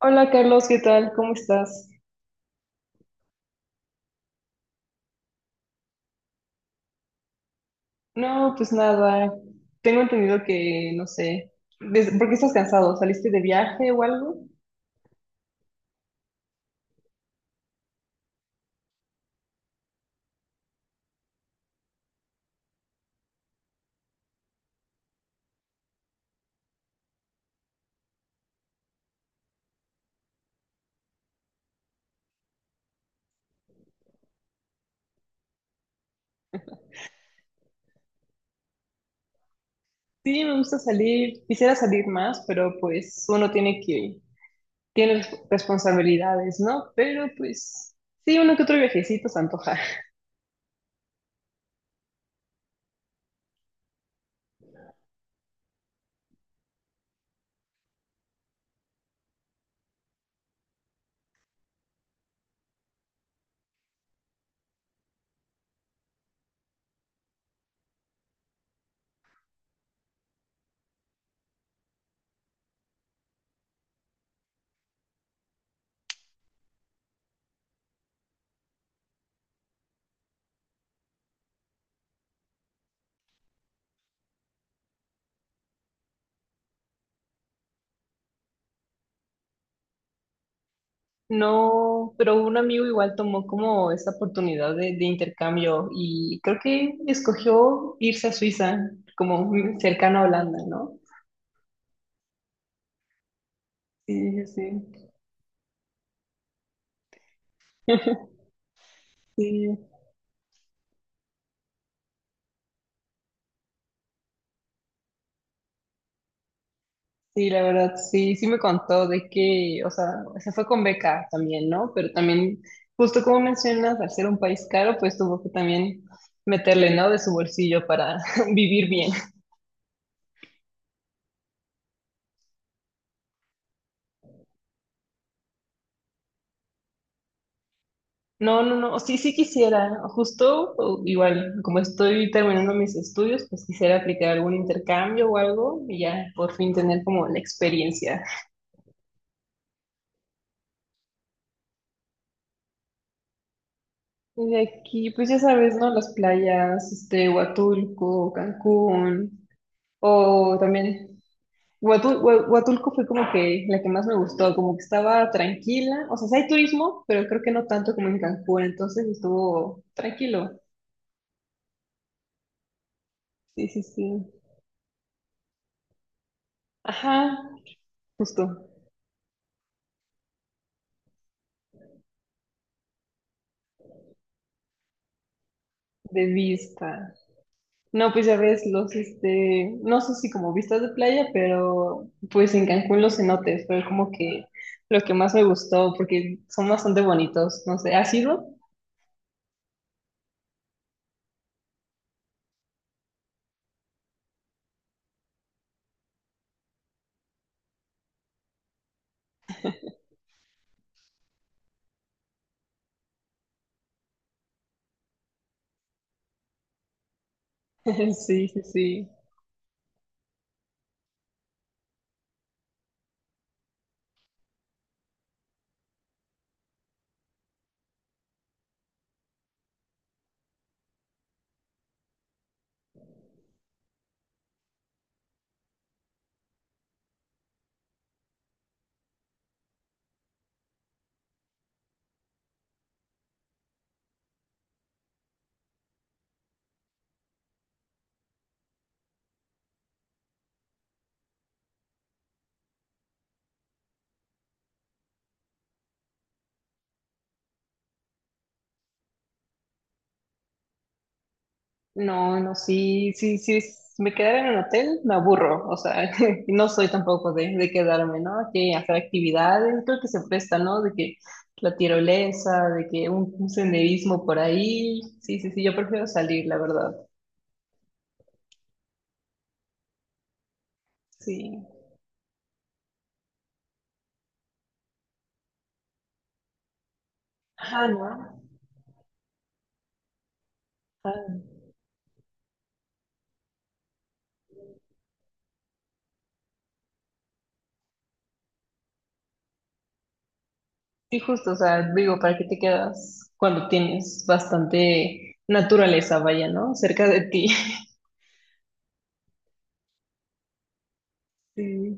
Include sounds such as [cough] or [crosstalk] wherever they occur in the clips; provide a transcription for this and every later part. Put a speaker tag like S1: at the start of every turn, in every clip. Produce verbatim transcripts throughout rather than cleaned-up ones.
S1: Hola Carlos, ¿qué tal? ¿Cómo estás? No, pues nada, tengo entendido que, no sé, des- ¿por qué estás cansado? ¿Saliste de viaje o algo? Sí, me gusta salir, quisiera salir más, pero pues uno tiene que, tiene responsabilidades, ¿no? Pero pues sí, uno que otro viajecito se antoja. [laughs] No, pero un amigo igual tomó como esta oportunidad de, de intercambio y creo que escogió irse a Suiza, como cercano a Holanda, ¿no? Sí, sí. Sí. Sí. Sí, la verdad, sí, sí me contó de que, o sea, se fue con beca también, ¿no? Pero también, justo como mencionas, al ser un país caro, pues tuvo que también meterle, ¿no? De su bolsillo para [laughs] vivir bien. No, no, no, sí, sí quisiera, justo o igual, como estoy terminando mis estudios, pues quisiera aplicar algún intercambio o algo y ya por fin tener como la experiencia. Y de aquí, pues ya sabes, ¿no? Las playas, este, Huatulco, Cancún, o también… Huatul- Hua- Huatulco fue como que la que más me gustó, como que estaba tranquila, o sea, sí hay turismo, pero creo que no tanto como en Cancún, entonces estuvo tranquilo. Sí, sí, sí. Ajá, justo, de vista. No, pues ya ves los, este, no sé si como vistas de playa, pero pues en Cancún los cenotes fue como que lo que más me gustó, porque son bastante bonitos, no sé, ¿has ido? [laughs] Sí, sí, sí. No, no, sí, sí, sí, s- me quedara en un hotel, me aburro, o sea, [laughs] no soy tampoco de, de quedarme, ¿no? Que hacer actividades, creo que se presta, ¿no? De que la tirolesa, de que un, un senderismo por ahí, sí, sí, sí, yo prefiero salir, la verdad, sí. Ajá, ¿no? Ah, sí, justo, o sea, digo, ¿para qué te quedas cuando tienes bastante naturaleza, vaya, ¿no? Cerca de ti. [laughs] Sí.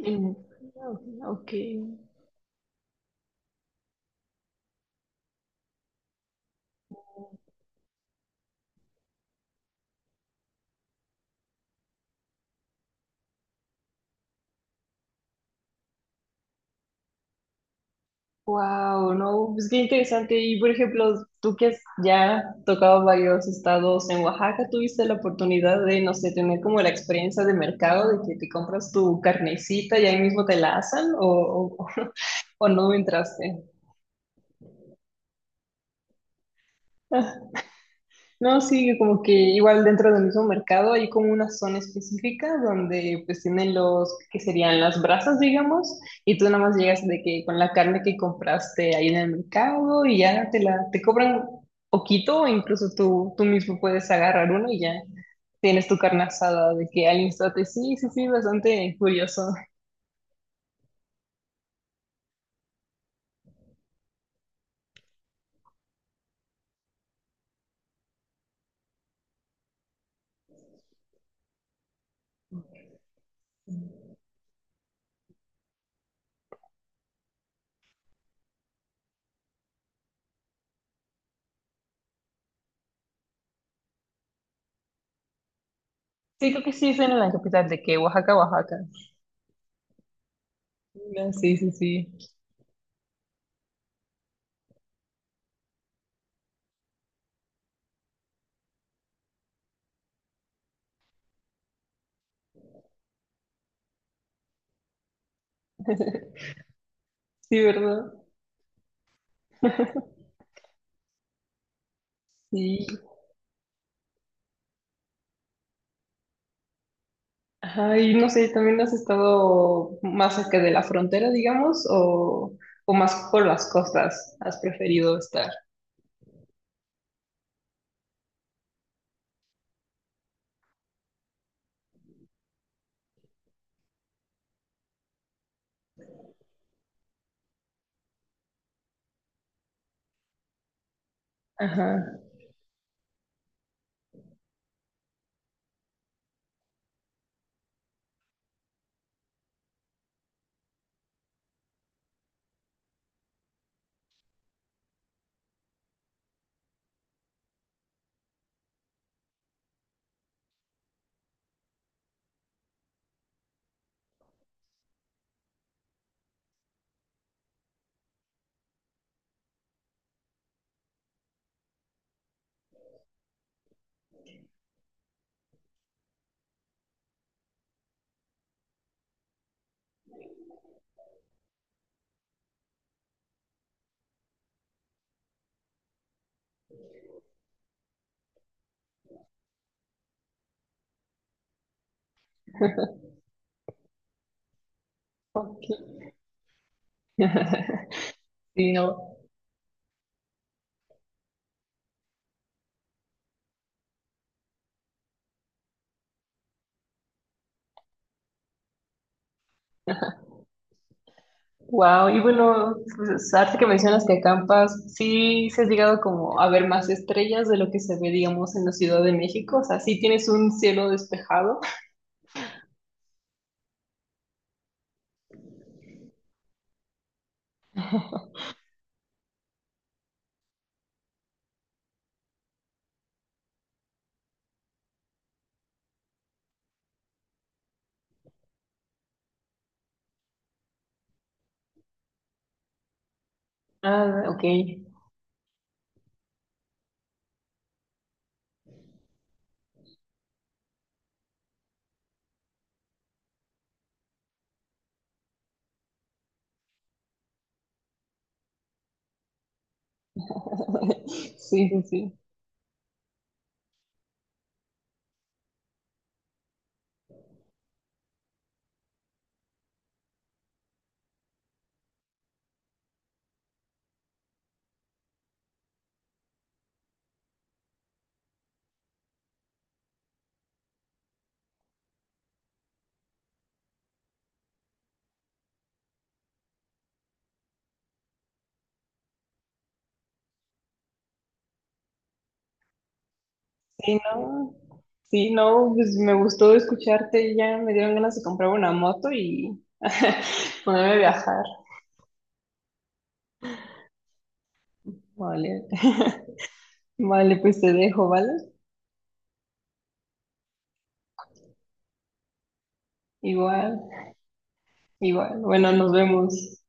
S1: Mm, ok. Wow, no, pues qué interesante. Y por ejemplo, tú que has ya tocado varios estados en Oaxaca, ¿tuviste la oportunidad de, no sé, tener como la experiencia de mercado, de que te compras tu carnecita y ahí mismo te la asan o, o, o no entraste? No, sí, como que igual dentro del mismo mercado hay como una zona específica donde pues tienen los que serían las brasas, digamos, y tú nada más llegas de que con la carne que compraste ahí en el mercado y ya te la te cobran poquito, o incluso tú tú mismo puedes agarrar uno y ya tienes tu carne asada de que al instante. Sí, sí, sí, bastante curioso. Sí, creo que sí es en la capital de que Oaxaca, Oaxaca. No, sí, sí, sí. Sí, ¿verdad? Sí, ajá, y no sé, ¿también has estado más cerca de la frontera, digamos, o, o más por las costas? ¿Has preferido estar? Ajá, ok. [laughs] Sí, no. Wow, y bueno, pues, ahorita que mencionas que acampas, sí, se has llegado como a ver más estrellas de lo que se ve, digamos, en la Ciudad de México, o sea, sí tienes un cielo despejado. Ah, ok. [laughs] Sí, sí, sí. Sí, no, sí, no, pues me gustó escucharte y ya me dieron ganas de comprar una moto y [laughs] ponerme a viajar. Vale, [laughs] vale, pues te dejo, ¿vale? Igual, igual. Bueno, nos vemos.